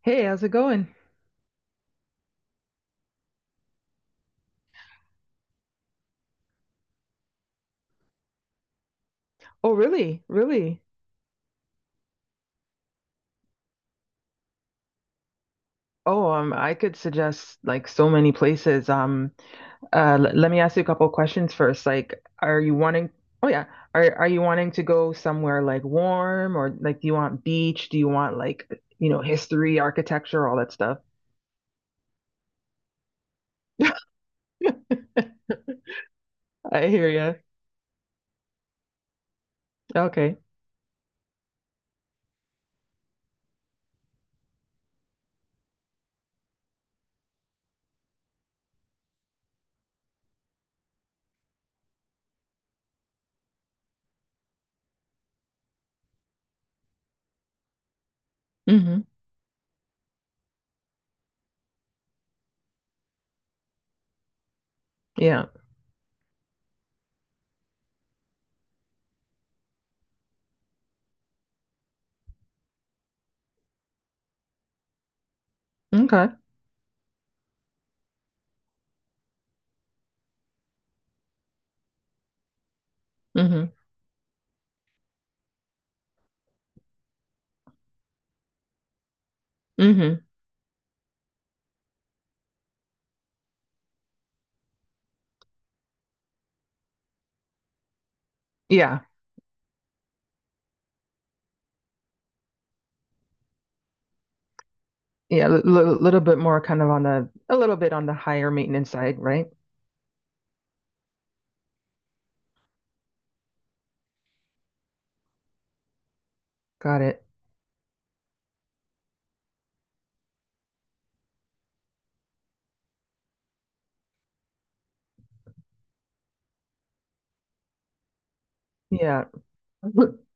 Hey, how's it going? Oh, really? Really? Oh, I could suggest like so many places. Let me ask you a couple questions first. Like, are you wanting? Oh yeah, are you wanting to go somewhere like warm or like do you want beach? Do you want like history, architecture, all that stuff? I hear you. Okay. Hmm. Yeah. Okay. Hmm. Hmm. Yeah. Yeah. A little bit more kind of on the a little bit on the higher maintenance side, right? Got it. Yeah.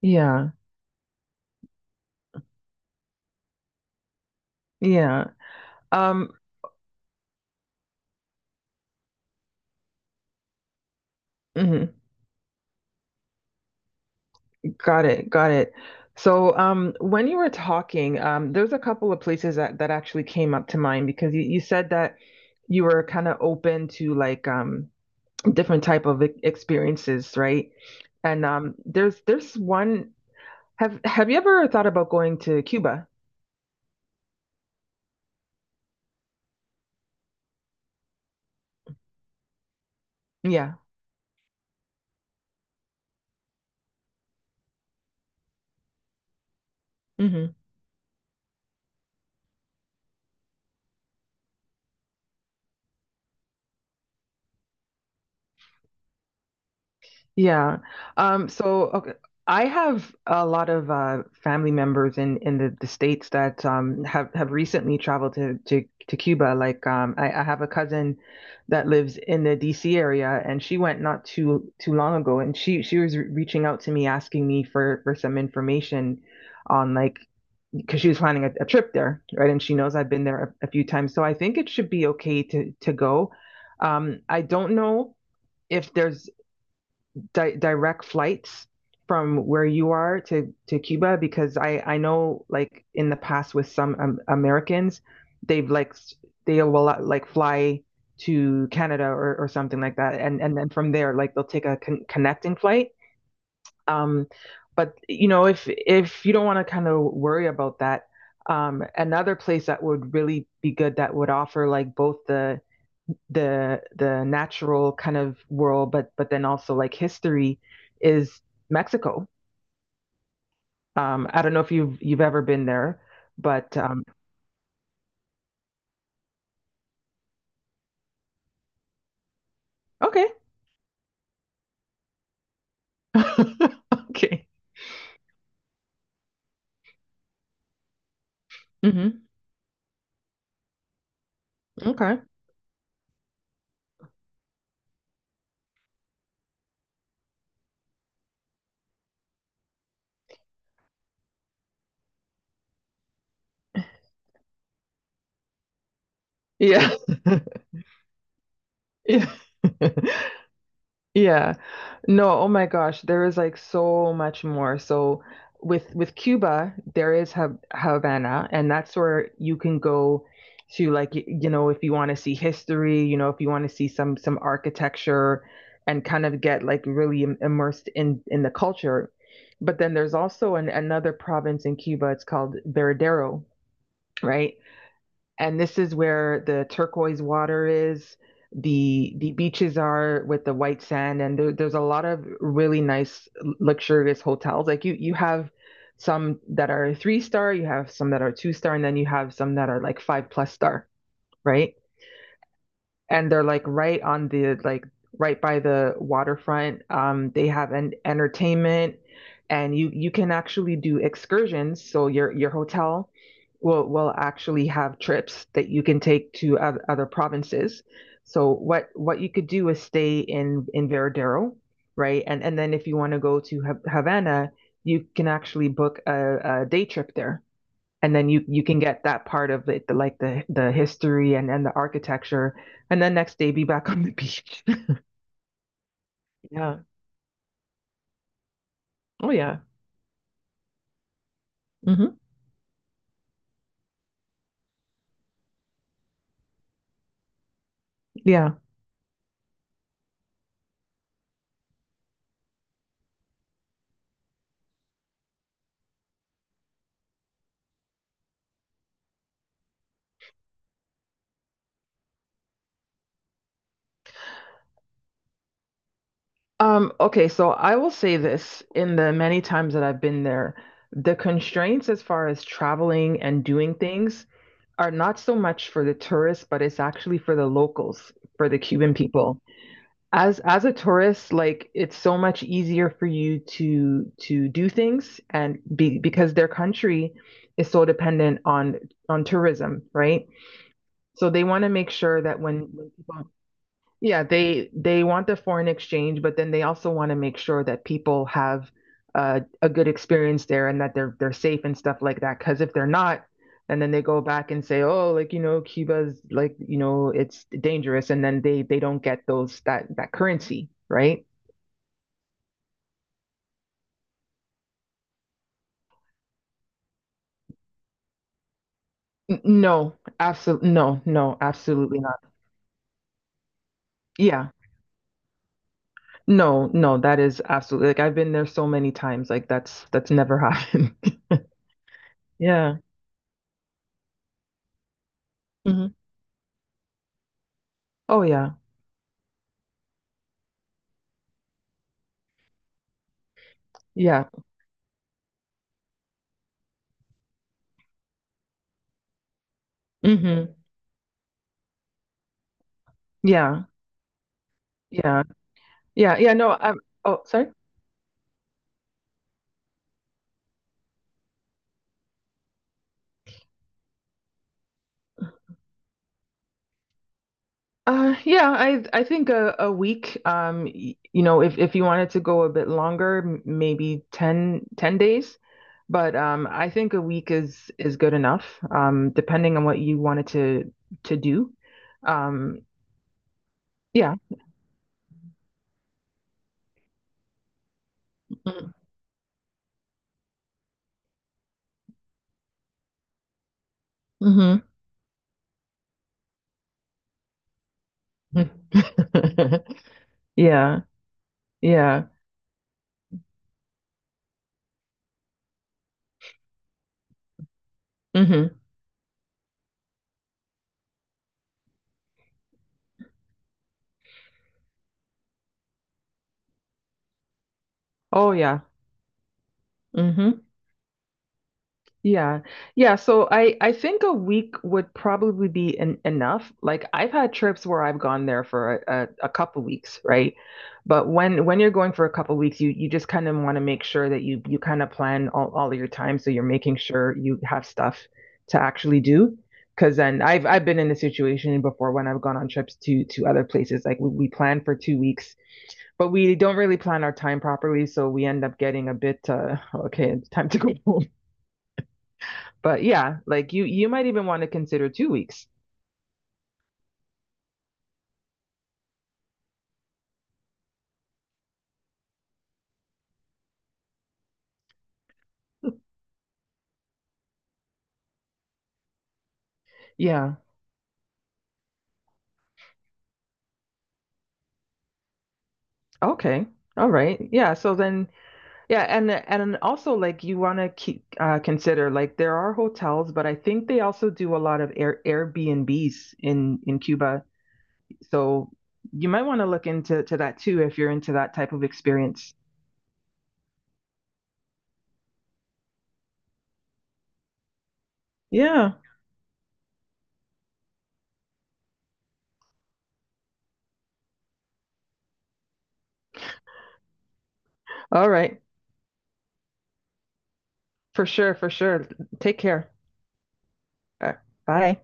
Yeah, yeah. Um, mhm. Got it, got it. So, when you were talking, there's a couple of places that actually came up to mind because you said that you were kind of open to like different type of experiences, right? And there's one. Have you ever thought about going to Cuba? Yeah. Mm-hmm. Yeah. So okay, I have a lot of family members in the States that have recently traveled to Cuba. Like I have a cousin that lives in the DC area and she went not too long ago and she was reaching out to me asking me for some information on like because she was planning a trip there, right? And she knows I've been there a few times. So I think it should be okay to go. I don't know if there's direct flights from where you are to Cuba? Because I know like in the past with some Americans, they've like they will like fly to Canada or something like that, and then from there like they'll take a connecting flight. Um, but if you don't want to kind of worry about that, another place that would really be good that would offer like both the natural kind of world, but then also like history is Mexico. I don't know if you've ever been there, but okay, okay, hmm okay, yeah, yeah. Yeah. No, oh my gosh, there is like so much more. So with Cuba, there is Ha Havana, and that's where you can go to if you want to see history, if you want to see some architecture and kind of get like really immersed in the culture. But then there's also another province in Cuba, it's called Veradero, right? And this is where the turquoise water is. The beaches are with the white sand, and there's a lot of really nice luxurious hotels. Like you have some that are three star, you have some that are two star, and then you have some that are like five plus star, right? And they're like right by the waterfront. They have an entertainment, and you can actually do excursions. So your hotel will actually have trips that you can take to other provinces. So what you could do is stay in Veradero, right? And then if you want to go to Havana, you can actually book a day trip there, and then you can get that part of it, the history and the architecture, and then next day be back on the beach. Yeah. Oh yeah. Hmm. Yeah. Okay, so I will say this, in the many times that I've been there, the constraints as far as traveling and doing things are not so much for the tourists, but it's actually for the locals, for the Cuban people. As a tourist, like, it's so much easier for you to do things, and be because their country is so dependent on tourism, right? So they want to make sure that when people, yeah, they want the foreign exchange, but then they also want to make sure that people have a good experience there and that they're safe and stuff like that. Because if they're not, and then they go back and say, oh, like Cuba's, like it's dangerous, and then they don't get those that currency, right? No, absolutely, no, no, absolutely not. Yeah, no, no, that is absolutely, like, I've been there so many times, like that's never happened. Yeah. Hmm. Oh yeah, yeah. Hmm. Yeah. Yeah. Yeah. Yeah. No, I'm, oh, sorry. Yeah, I think a week, if you wanted to go a bit longer, maybe ten days. But I think a week is good enough, depending on what you wanted to do. Um, yeah. Mm-hmm. Yeah. Yeah. Hmm. Oh, yeah. Hmm. Yeah. Yeah. So I think a week would probably be en enough. Like I've had trips where I've gone there for a couple weeks, right? But when you're going for a couple weeks, you just kind of want to make sure that you kind of plan all of your time, so you're making sure you have stuff to actually do. Because then I've been in this situation before when I've gone on trips to other places. Like we plan for 2 weeks, but we don't really plan our time properly, so we end up getting a bit okay, it's time to go home. But yeah, like you might even want to consider 2 weeks. Yeah. Okay. All right. Yeah. So then, yeah, and also, like, you want to keep consider, like, there are hotels, but I think they also do a lot of Airbnbs in Cuba. So you might want to look into to that too if you're into that type of experience. Yeah. All right. For sure. For sure. Take care. Uh, Bye.